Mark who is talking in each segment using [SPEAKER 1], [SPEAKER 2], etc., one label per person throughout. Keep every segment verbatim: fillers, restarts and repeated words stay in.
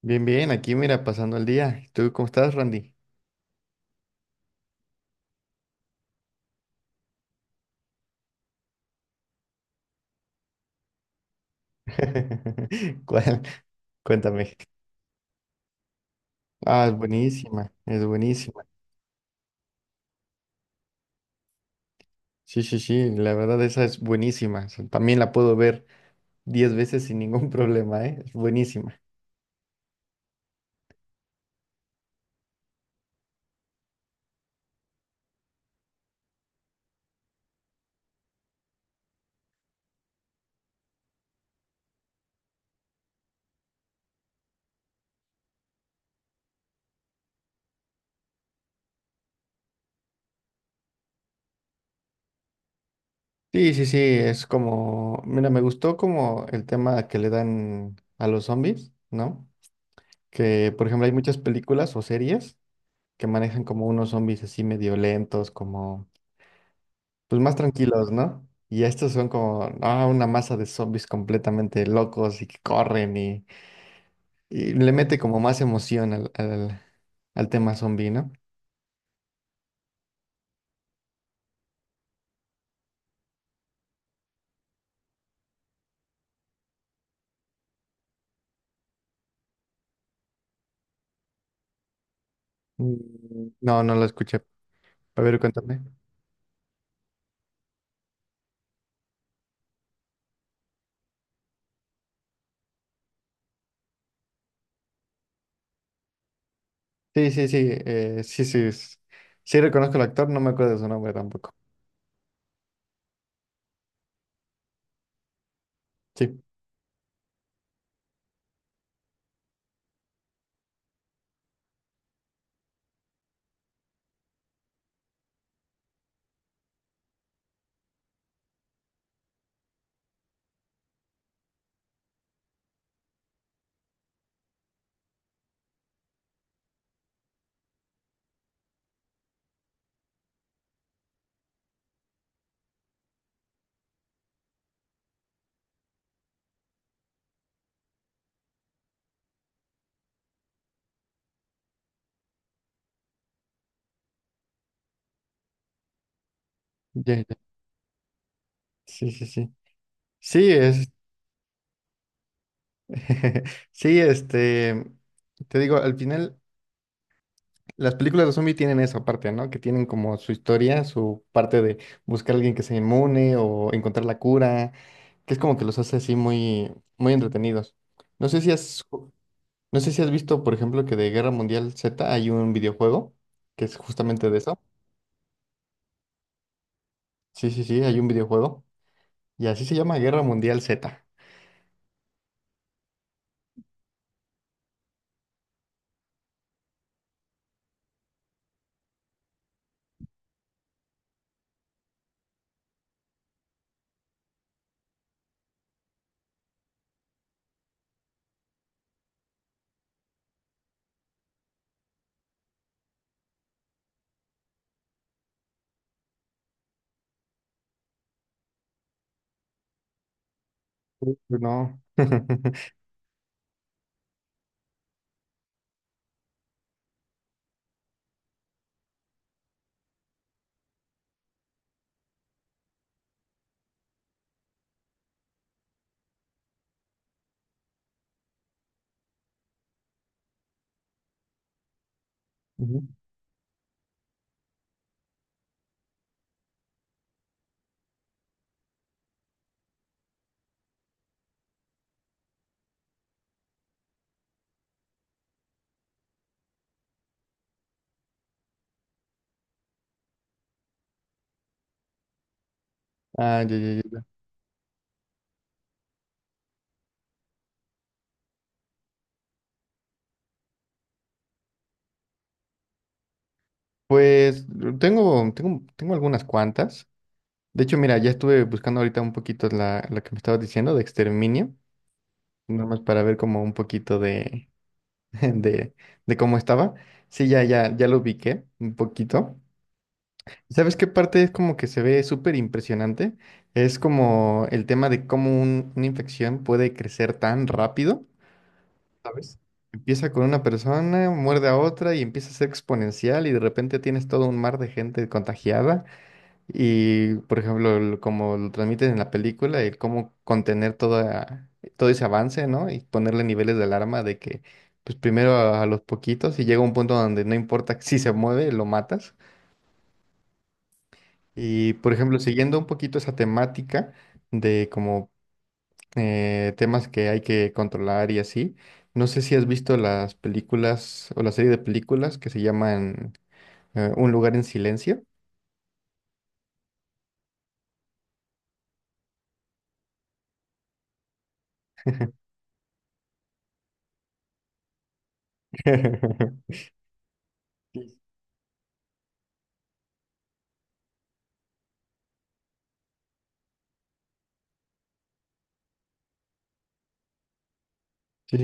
[SPEAKER 1] Bien, bien, aquí mira, pasando el día. ¿Tú cómo estás, Randy? ¿Cuál? Cuéntame. Ah, es buenísima, es buenísima. Sí, sí, sí, la verdad esa es buenísima. O sea, también la puedo ver diez veces sin ningún problema, ¿eh? Es buenísima. Sí, sí, sí, es como, mira, me gustó como el tema que le dan a los zombies, ¿no? Que, por ejemplo, hay muchas películas o series que manejan como unos zombies así medio lentos, como pues más tranquilos, ¿no? Y estos son como ah, una masa de zombies completamente locos y que corren y, y le mete como más emoción al, al, al tema zombie, ¿no? Mm, no, no lo escuché. A ver, cuéntame. Sí, sí, sí, eh, sí, sí, es- sí, reconozco al actor, no me acuerdo de su nombre tampoco. Sí, ya, ya. Sí, sí, sí. Sí, es, sí, este, te digo, al final. Las películas de zombie tienen esa parte, ¿no? Que tienen como su historia, su parte de buscar a alguien que sea inmune o encontrar la cura, que es como que los hace así muy, muy entretenidos. No sé si has, no sé si has visto, por ejemplo, que de Guerra Mundial Z hay un videojuego que es justamente de eso. Sí, sí, sí, hay un videojuego y así se llama Guerra Mundial Z. Uy, no. Ujú. Ah, ya, ya, ya. Pues tengo, tengo, tengo algunas cuantas. De hecho, mira, ya estuve buscando ahorita un poquito la, la que me estabas diciendo de Exterminio, nada más para ver como un poquito de, de, de cómo estaba. Sí, ya, ya, ya lo ubiqué un poquito. ¿Sabes qué parte es como que se ve súper impresionante? Es como el tema de cómo un- una infección puede crecer tan rápido, ¿sabes? Empieza con una persona, muerde a otra y empieza a ser exponencial y de repente tienes todo un mar de gente contagiada. Y, por ejemplo, el- como lo transmiten en la película, el cómo contener toda, todo ese avance, ¿no? Y ponerle niveles de alarma de que, pues primero a, a los poquitos y llega un punto donde no importa si se mueve, lo matas. Y, por ejemplo, siguiendo un poquito esa temática de como eh, temas que hay que controlar y así, no sé si has visto las películas o la serie de películas que se llaman eh, Un lugar en silencio. Sí,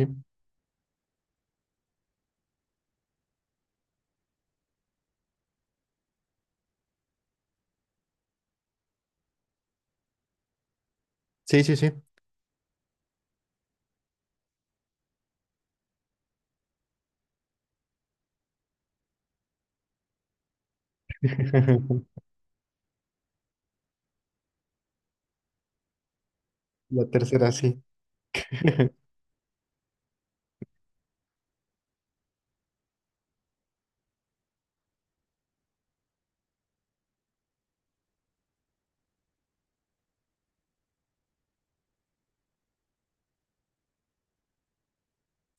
[SPEAKER 1] sí, sí, sí. Sí. La tercera, sí.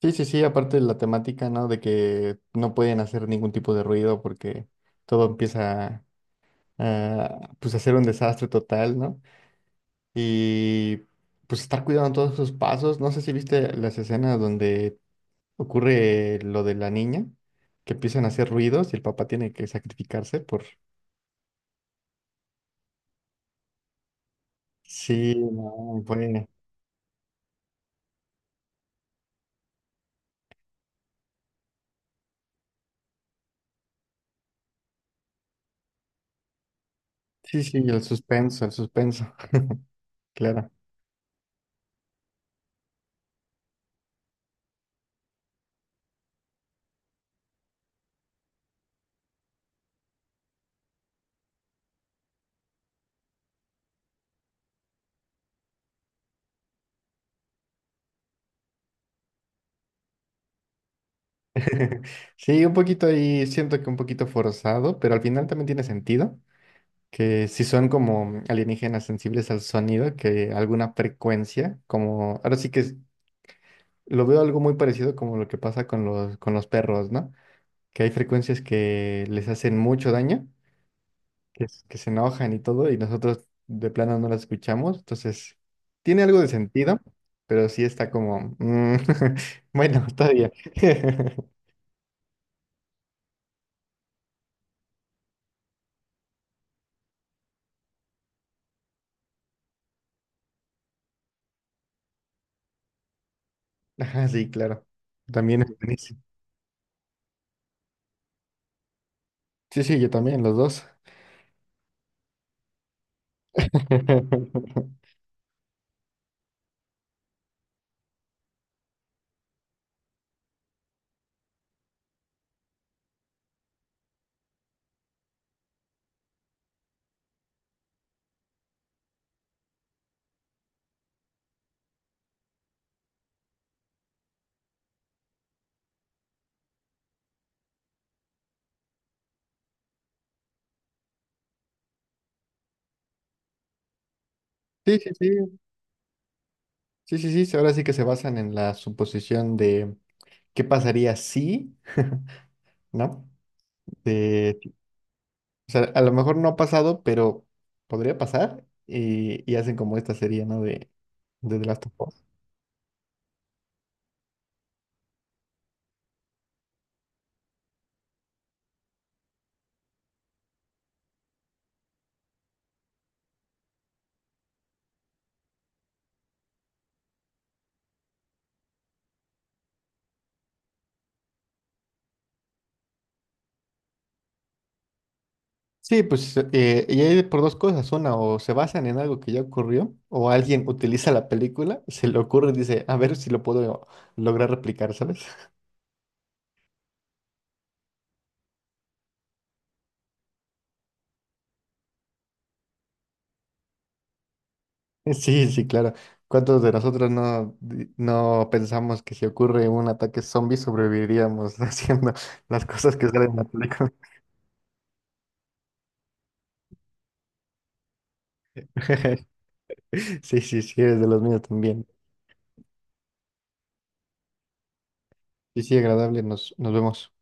[SPEAKER 1] Sí, sí, sí, aparte de la temática, ¿no? De que no pueden hacer ningún tipo de ruido porque todo empieza a, pues, a ser un desastre total, ¿no? Y pues estar cuidando todos sus pasos. No sé si viste las escenas donde ocurre lo de la niña, que empiezan a hacer ruidos y el papá tiene que sacrificarse por. Sí, no, fue- sí, sí, el suspenso, el suspenso. Claro. Sí, un poquito ahí, siento que un poquito forzado, pero al final también tiene sentido que si son como alienígenas sensibles al sonido, que alguna frecuencia, como ahora sí que es- lo veo algo muy parecido como lo que pasa con los, con los perros, ¿no? Que hay frecuencias que les hacen mucho daño, que, s- que se enojan y todo, y nosotros de plano no las escuchamos, entonces tiene algo de sentido, pero sí está como, mm, bueno, todavía. Ajá, sí, claro. También es buenísimo. Sí, sí, yo también, los dos. Sí, sí, sí, sí, sí, sí, ahora sí que se basan en la suposición de qué pasaría si, ¿no? De, o sea, a lo mejor no ha pasado, pero podría pasar y, y hacen como esta serie, ¿no? De, de The Last of Us. Sí, pues, eh, y hay por dos cosas, una, o se basan en algo que ya ocurrió, o alguien utiliza la película, se le ocurre y dice, a ver si lo puedo lograr replicar, ¿sabes? Sí, sí, claro. ¿Cuántos de nosotros no, no pensamos que si ocurre un ataque zombie sobreviviríamos haciendo las cosas que salen en la película? Sí, sí, sí, eres de los míos también. Sí, sí, agradable, nos, nos vemos.